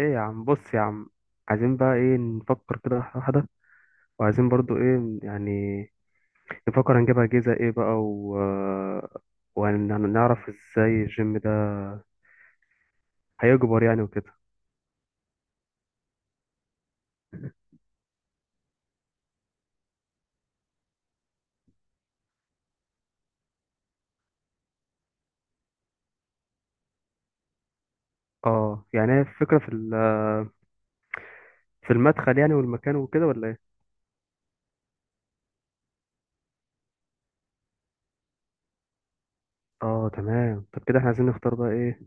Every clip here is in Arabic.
ايه يا عم، بص يا عم. عايزين بقى ايه؟ نفكر كده واحدة واحدة، وعايزين برضو ايه يعني، نفكر هنجيب أجهزة ايه بقى و... آه، وهنعرف ازاي الجيم ده هيكبر يعني وكده. اه يعني هي الفكرة في في المدخل يعني والمكان وكده، ولا ايه؟ اه تمام. طب كده احنا عايزين نختار بقى ايه،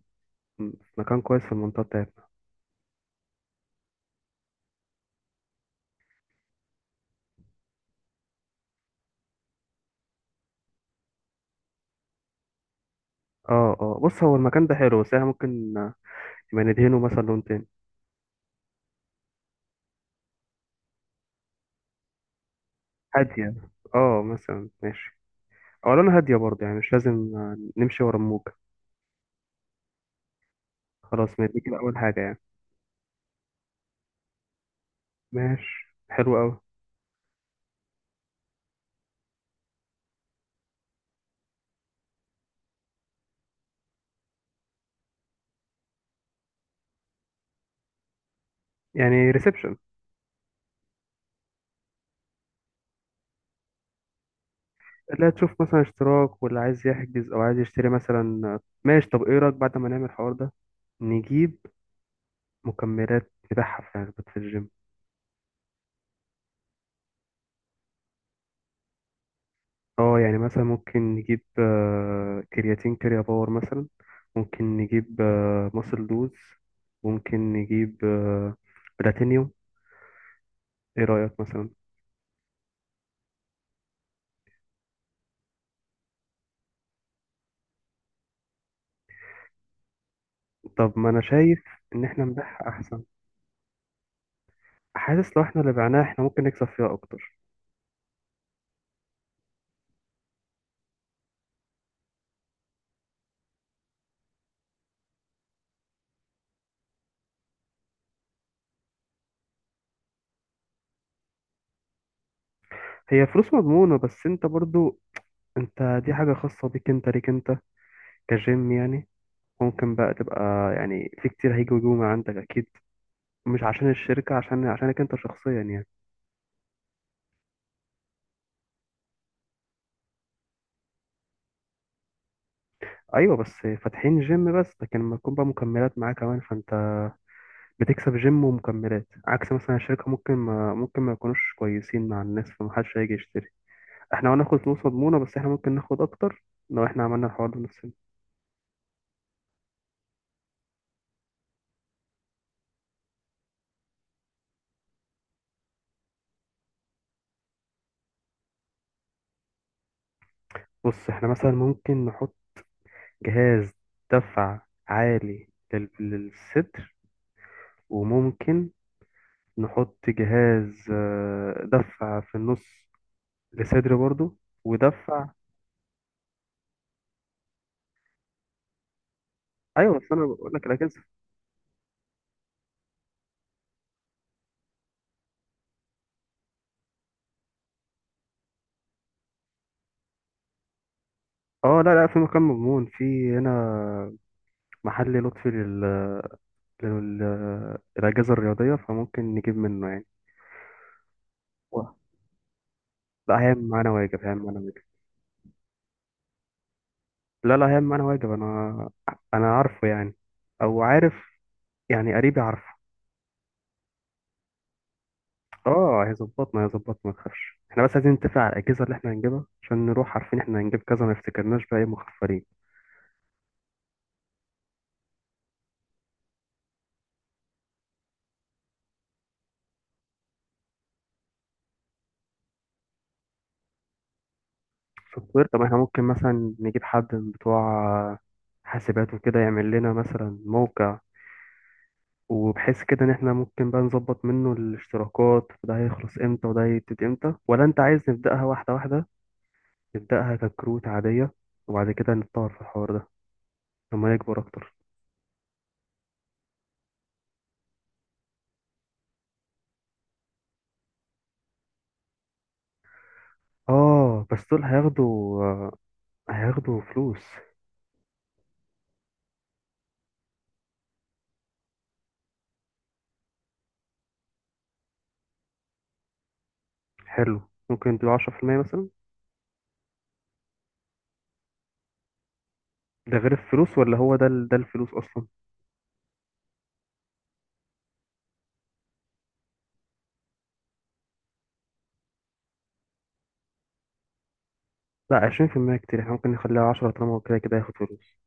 م- مكان كويس في المنطقة بتاعتنا. اه اه، بص هو المكان ده حلو، بس احنا ممكن يبقى ندهنه مثلا لون تاني هادية. اه مثلا ماشي، او لون هادية برضه، يعني مش لازم نمشي ورا الموج. خلاص، ما دي كده اول حاجه يعني. ماشي حلو قوي. يعني ريسبشن؟ لا، تشوف مثلا اشتراك ولا عايز يحجز او عايز يشتري مثلا. ماشي، طب ايه رايك بعد ما نعمل الحوار ده نجيب مكملات نبيعها في علبة في الجيم. اه يعني مثلا ممكن نجيب كرياتين كريا باور مثلا. ممكن نجيب ماسل دوز. ممكن نجيب بلاتينيوم. ايه رأيك مثلا؟ طب ما انا شايف ان احنا نبيعها احسن. حاسس لو احنا اللي بعناها احنا ممكن نكسب فيها اكتر. هي فلوس مضمونة، بس انت برضو، انت دي حاجة خاصة بيك انت، ليك انت كجيم يعني. ممكن بقى تبقى، يعني في كتير هيجوا يجوا من عندك اكيد، مش عشان الشركة، عشان عشانك انت شخصيا يعني. ايوه بس فاتحين جيم بس، لكن لما تكون بقى مكملات معاه كمان فانت بتكسب جيم ومكملات. عكس مثلا الشركة، ممكن ما يكونوش كويسين مع الناس فمحدش هيجي يشتري. احنا هناخد فلوس مضمونة، بس احنا ممكن ناخد اكتر لو احنا عملنا الحوار ده بنفسنا. بص، احنا مثلا ممكن نحط جهاز دفع عالي للصدر، وممكن نحط جهاز دفع في النص للصدر برضو، ودفع. ايوه بس انا بقول لك الاجهزه. اه لا لا، في مكان مضمون، في هنا محل لطفي لل... للاجهزه الرياضيه، فممكن نجيب منه يعني. و- لا هيعمل معانا واجب، هيعمل معانا واجب. لا لا، هيعمل معانا واجب. انا، انا عارفه يعني، او عارف، يعني قريبي عارفه. اه هيظبطنا، ما تخافش. احنا بس عايزين نتفق على الاجهزه اللي احنا هنجيبها، عشان نروح عارفين احنا هنجيب كذا، ما نفتكرناش بقى ايه مخفرين. سوفت وير؟ طب احنا ممكن مثلا نجيب حد من بتوع حاسبات وكده يعمل لنا مثلا موقع، وبحيث كده ان احنا ممكن بقى نظبط منه الاشتراكات، وده هيخلص امتى وده هيبتدي امتى. ولا انت عايز نبداها واحده واحده، نبداها ككروت عاديه، وبعد كده نتطور في الحوار ده لما يكبر اكتر. اه بس دول هياخدوا، فلوس. حلو، ممكن نديله 10% مثلا. ده غير الفلوس، ولا هو ده ده الفلوس اصلا؟ لا 20% كتير، احنا ممكن نخليها 10 طالما هو كده كده هياخد فلوس.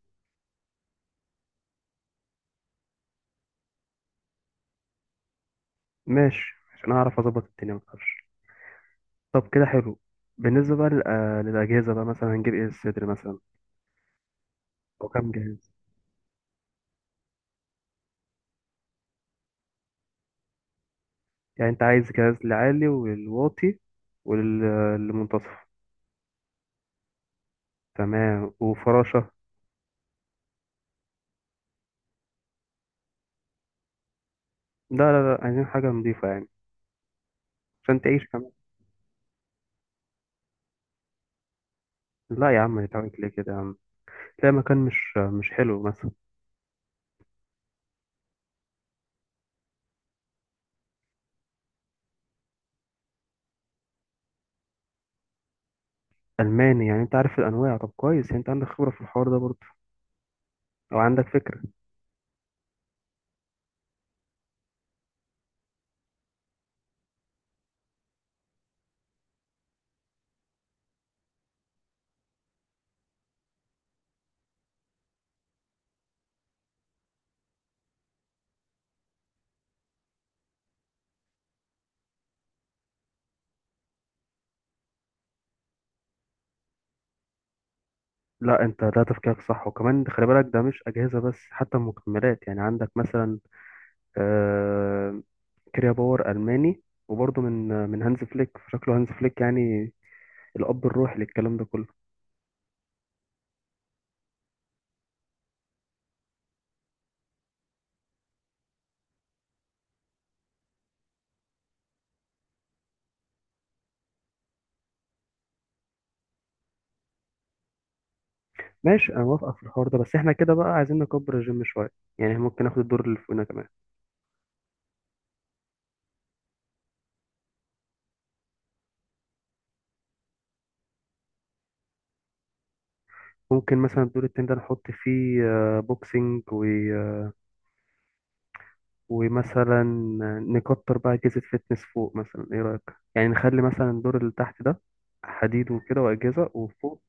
ماشي، عشان اعرف اظبط الدنيا ما تخافش. طب كده حلو. بالنسبه بقى للاجهزه بقى، مثلا هنجيب ايه؟ الصدر مثلا او كام جهاز؟ يعني انت عايز جهاز لعالي والواطي والمنتصف؟ تمام، وفراشه. لا لا لا، عايزين حاجه نضيفه يعني. عشان تعيش كمان، لا يا عم نتعبك ليه كده يا عم، تلاقي مكان مش حلو مثلا. ألماني يعني، أنت عارف الأنواع. طب كويس، يعني أنت عندك خبرة في الحوار ده برضه، أو عندك فكرة. لا، أنت ده تفكيرك صح، وكمان خلي بالك ده مش أجهزة بس، حتى المكملات يعني. عندك مثلا آه كريا باور ألماني، وبرضه من من هانز فليك. شكله هانز فليك يعني الأب الروحي للكلام ده كله. ماشي، أنا موافقك في الحوار ده، بس إحنا كده بقى عايزين نكبر الجيم شوية، يعني ممكن ناخد الدور اللي فوقنا كمان. ممكن مثلا الدور التاني ده نحط فيه بوكسينج، ومثلا نكتر بقى أجهزة فتنس فوق مثلا. إيه رأيك؟ يعني نخلي مثلا الدور اللي تحت ده حديد وكده وأجهزة، وفوق.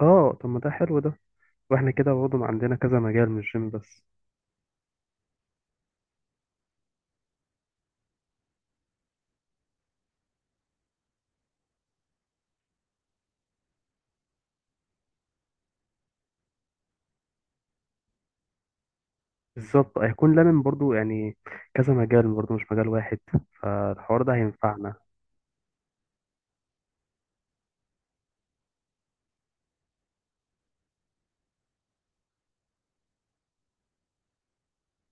آه طب ما ده حلو ده، وإحنا كده برضه عندنا كذا مجال مش جيم بس. بالظبط، هيكون لمن برضه يعني كذا مجال برضه، مش مجال واحد، فالحوار ده هينفعنا.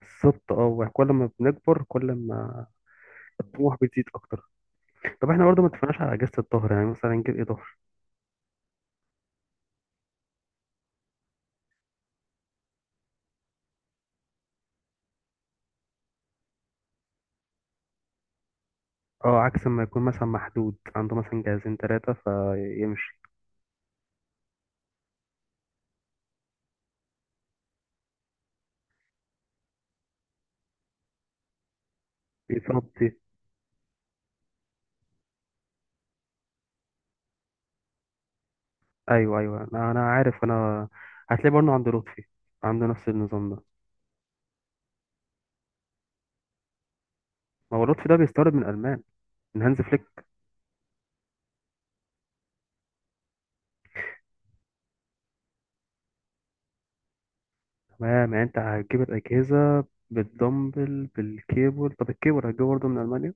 بالظبط، اه كل ما بنكبر كل ما الطموح بتزيد أكتر. طب إحنا برضه ما اتفقناش على أجهزة الظهر. يعني مثلا نجيب إيه ظهر؟ اه، عكس ما يكون مثلا محدود عنده مثلا جهازين تلاتة فيمشي. بالظبط. ايوه ايوه، أنا عارف. انا هتلاقي برضه عند لطفي عنده نفس النظام ده. ما هو لطفي ده بيستورد من المان، من هانز فليك. تمام، يعني انت هتجيب الاجهزه بالدمبل بالكيبل. طب الكيبل هتجيبه برضه من المانيا؟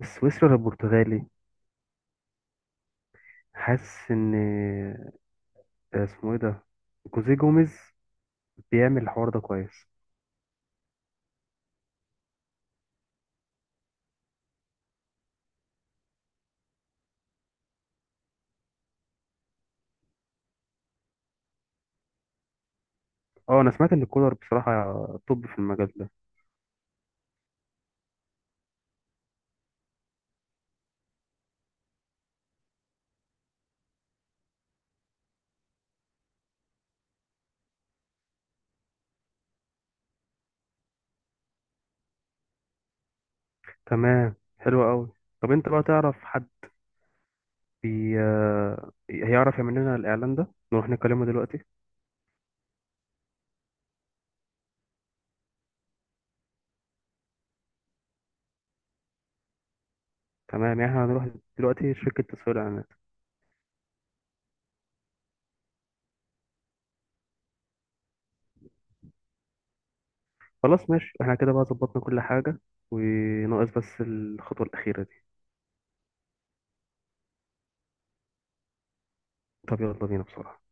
السويسري ولا البرتغالي؟ حاسس ان اسمه ايه ده، جوزيه جوميز بيعمل الحوار ده كويس. اه، انا سمعت ان كولر بصراحه، طب في المجال ده. تمام حلو قوي. طب انت بقى تعرف حد بي... آه، هيعرف يعمل لنا الاعلان ده نروح نكلمه دلوقتي؟ تمام، يعني احنا هنروح دلوقتي شركة تسويق الإعلانات. خلاص ماشي، احنا كده بقى ظبطنا كل حاجة، وناقص بس الخطوة الأخيرة دي. طب يلا بينا بسرعة.